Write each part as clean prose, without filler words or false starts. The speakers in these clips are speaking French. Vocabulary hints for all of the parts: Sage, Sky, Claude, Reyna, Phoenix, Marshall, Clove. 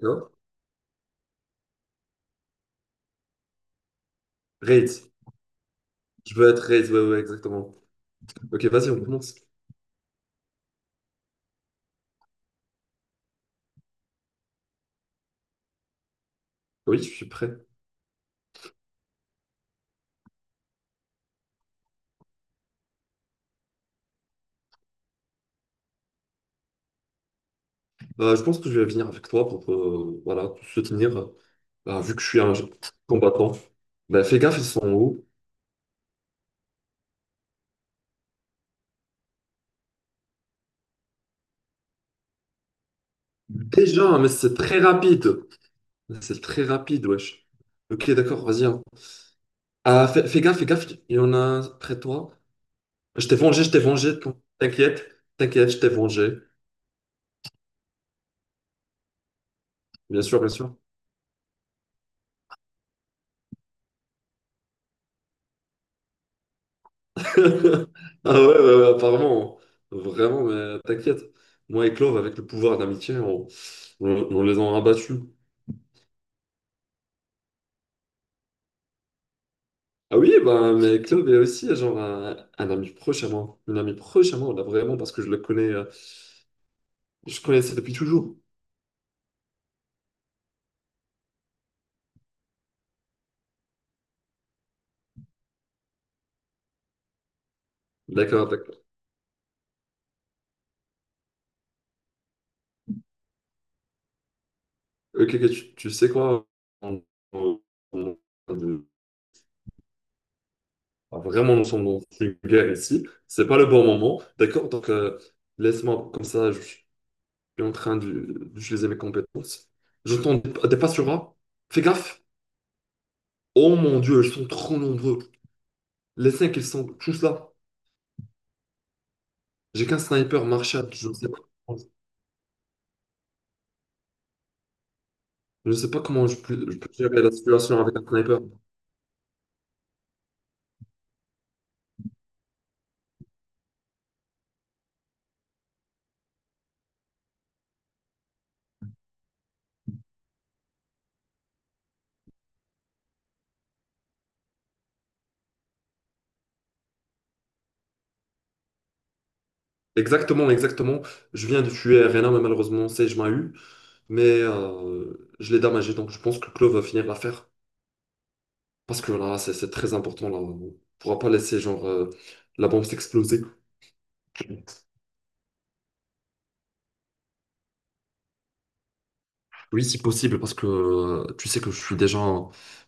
Non? Rate. Je veux être rate, ouais, ouais, exactement. Ok, vas-y, on commence. Oui, je suis prêt. Je pense que je vais venir avec toi pour voilà, te soutenir, vu que je suis un combattant. Bah, fais gaffe, ils sont hauts. Déjà, mais c'est très rapide. C'est très rapide, wesh. Ok, d'accord, vas-y, hein. Ah, fais gaffe, fais gaffe, il y en a un près de toi. Je t'ai vengé, t'inquiète, t'inquiète, je t'ai vengé. Bien sûr, bien sûr. Ah ouais, ouais, ouais, apparemment, vraiment, mais t'inquiète. Moi et Clove, avec le pouvoir d'amitié, on les a rabattus. Ah oui, bah, mais Clove est aussi genre un ami proche à moi. Une amie proche à moi, là, vraiment, parce que je le connais, je connaissais depuis toujours. D'accord, d'accord. Ok, ok, tu sais quoi? On- on- on- on- Vraiment, nous sommes dans une guerre ici. C'est pas le bon moment. D'accord, donc laisse-moi comme ça, je, suis en train d'utiliser mes compétences. J'entends des pas sur A. Fais gaffe. Oh mon Dieu, ils sont trop nombreux. Les cinq, ils sont tous là. J'ai qu'un sniper Marshall. Je ne sais pas comment je peux gérer la situation avec un sniper. Exactement, exactement. Je viens de tuer Reyna, mais malheureusement, Sage m'a eu. Mais je l'ai damagé, donc je pense que Claude va finir l'affaire. Parce que là, c'est très important. Là. On ne pourra pas laisser genre, la bombe s'exploser. Oui, si possible, parce que tu sais que je suis déjà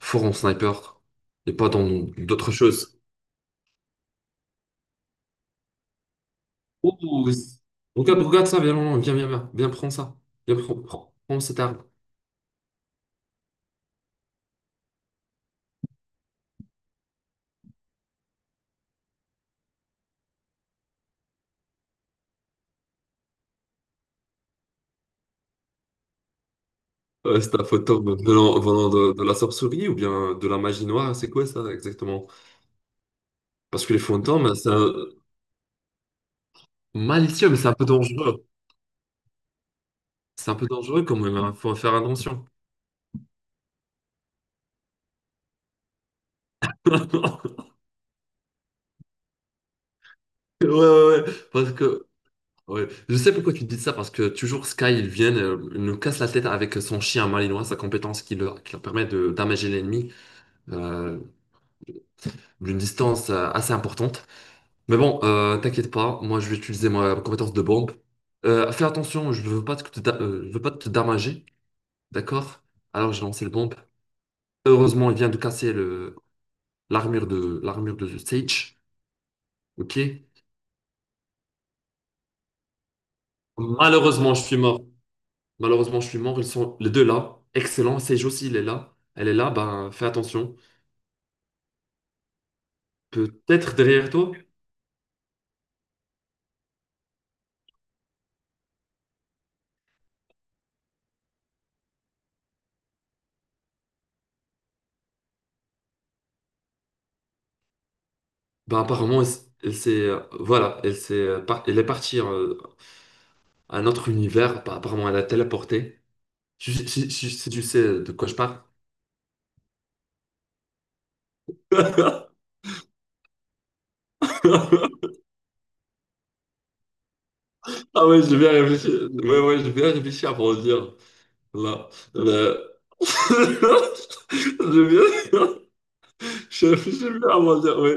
fort en sniper et pas dans d'autres choses. Oh, oui. Regarde ça, viens, viens, viens, viens, viens, viens, prends ça. Viens, prends, prends, prends cette arme. C'est un fantôme venant de la sorcellerie ou bien de la magie noire, c'est quoi ça exactement? Parce que les fantômes, c'est un malicieux, mais c'est un peu dangereux. C'est un peu dangereux quand même, il faut faire attention. Ouais, ouais, ouais, parce que Ouais, je sais pourquoi tu dis ça, parce que toujours Sky, il vient, il nous casse la tête avec son chien malinois, sa compétence qui leur permet de damager l'ennemi euh, d'une distance assez importante. Mais bon, t'inquiète pas, moi je vais utiliser ma compétence de bombe. Fais attention, je veux pas te damager, d'accord? Alors j'ai lancé le bombe. Heureusement, il vient de casser l'armure de Sage, ok? Malheureusement, je suis mort. Malheureusement, je suis mort. Ils sont les deux là. Excellent. Sage aussi, il est là. Elle est là. Ben, fais attention. Peut-être derrière toi. Ben, apparemment, elle s'est, voilà, elle s'est, elle est partie à un autre univers. Ben, apparemment, elle a téléporté. Si, si tu sais de quoi je parle. Ah oui. Là, là. Je viens. Je viens à moi dire, oui.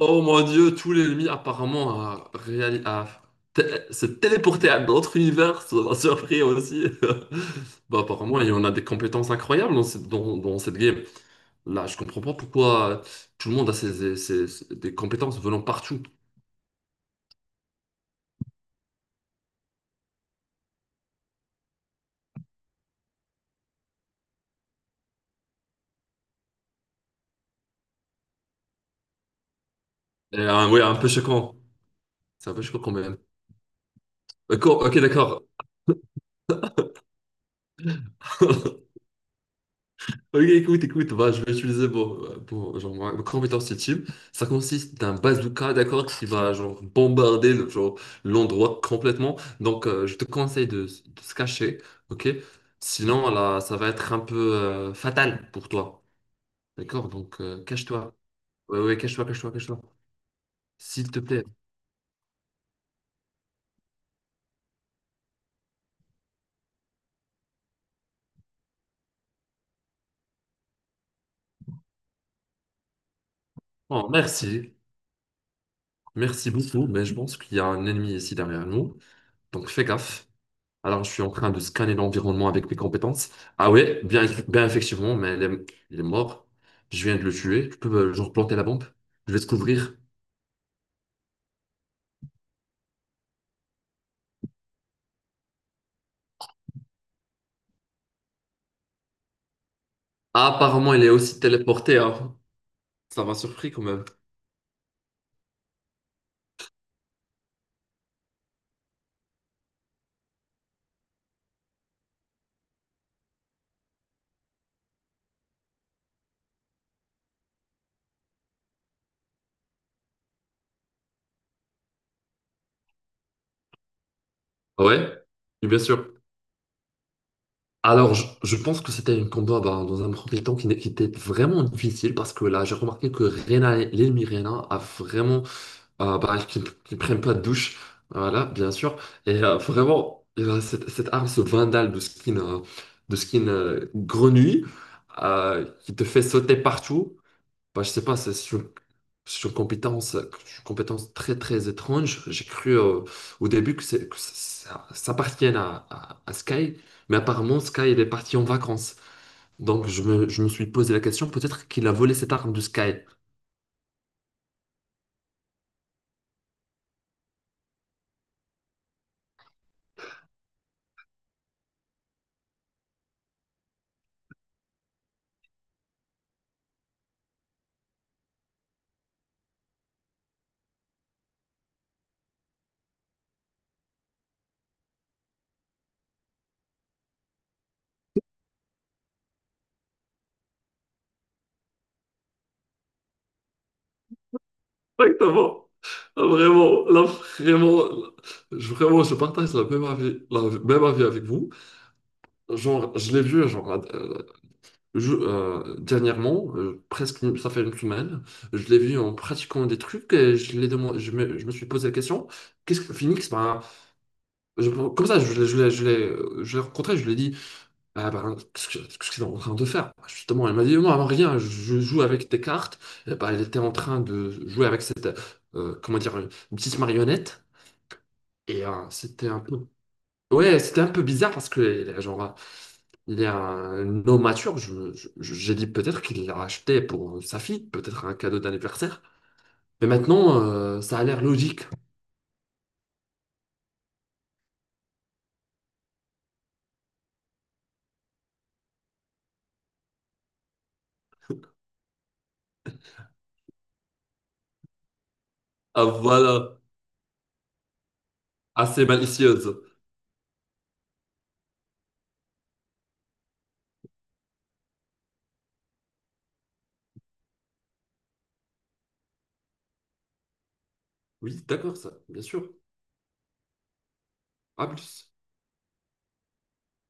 Oh mon Dieu, tout l'ennemi apparemment a, se téléporté à d'autres univers, ça m'a surpris aussi. Bah, apparemment, il y en a des compétences incroyables dans cette game. Là, je comprends pas pourquoi tout le monde a des compétences venant partout. Et, ouais, un peu choquant. C'est un peu choquant quand même. D'accord, ok, d'accord. Ok, écoute, écoute, bah, je vais utiliser mon, pour, genre, ma compétence ultime. Ça consiste d'un bazooka, d'accord, qui va genre, bombarder l'endroit complètement. Donc, je te conseille de, de se cacher, ok? Sinon, là, ça va être un peu fatal pour toi, d'accord? Donc, cache-toi. Oui, oui, cache-toi, cache-toi, cache-toi. S'il te plaît. Oh, merci. Merci beaucoup, mais je pense qu'il y a un ennemi ici derrière nous. Donc, fais gaffe. Alors, je suis en train de scanner l'environnement avec mes compétences. Ah ouais, bien, bien effectivement, mais il est mort. Je viens de le tuer. Tu peux, genre, planter la bombe. Je vais se couvrir. Ah, apparemment, il est aussi téléporté, hein. Ça m'a surpris quand même. Ah ouais, oui, bien sûr. Alors, je pense que c'était un combat bah, dans un premier temps qui, qui était vraiment difficile parce que là, j'ai remarqué que Reyna, l'ennemi Reyna, a vraiment ah bah, qui ne prennent pas de douche, voilà, bien sûr. Et vraiment, cette arme, ce vandal de skin, de skin grenouille, qui te fait sauter partout, bah, je sais pas, c'est une compétence très très étrange. J'ai cru au début que, ça appartienne à, à Sky, mais apparemment Sky, il est parti en vacances. Donc je me suis posé la question, peut-être qu'il a volé cette arme de Sky. Exactement. Vraiment, là, vraiment, là, vraiment, je partage la même avis avec vous. Genre, je l'ai vu, genre, dernièrement, presque, ça fait 1 semaine, je l'ai vu en pratiquant des trucs et je l'ai demandé, je me suis posé la question, qu'est-ce que Phoenix, ben, comme ça, je l'ai rencontré, je lui ai dit, ah ben, qu'est-ce que c'est en train de faire? Bah, justement, elle m'a dit, non, rien, je joue avec tes cartes. Eh ben, elle était en train de jouer avec cette, comment dire, une petite marionnette. Et c'était un peu. Ouais, c'était un peu bizarre parce que, genre, il est un homme mature, j'ai dit peut-être qu'il l'a acheté pour sa fille, peut-être un cadeau d'anniversaire. Mais maintenant, ça a l'air logique. Ah voilà, assez malicieuse. Oui, d'accord, ça, bien sûr. À plus.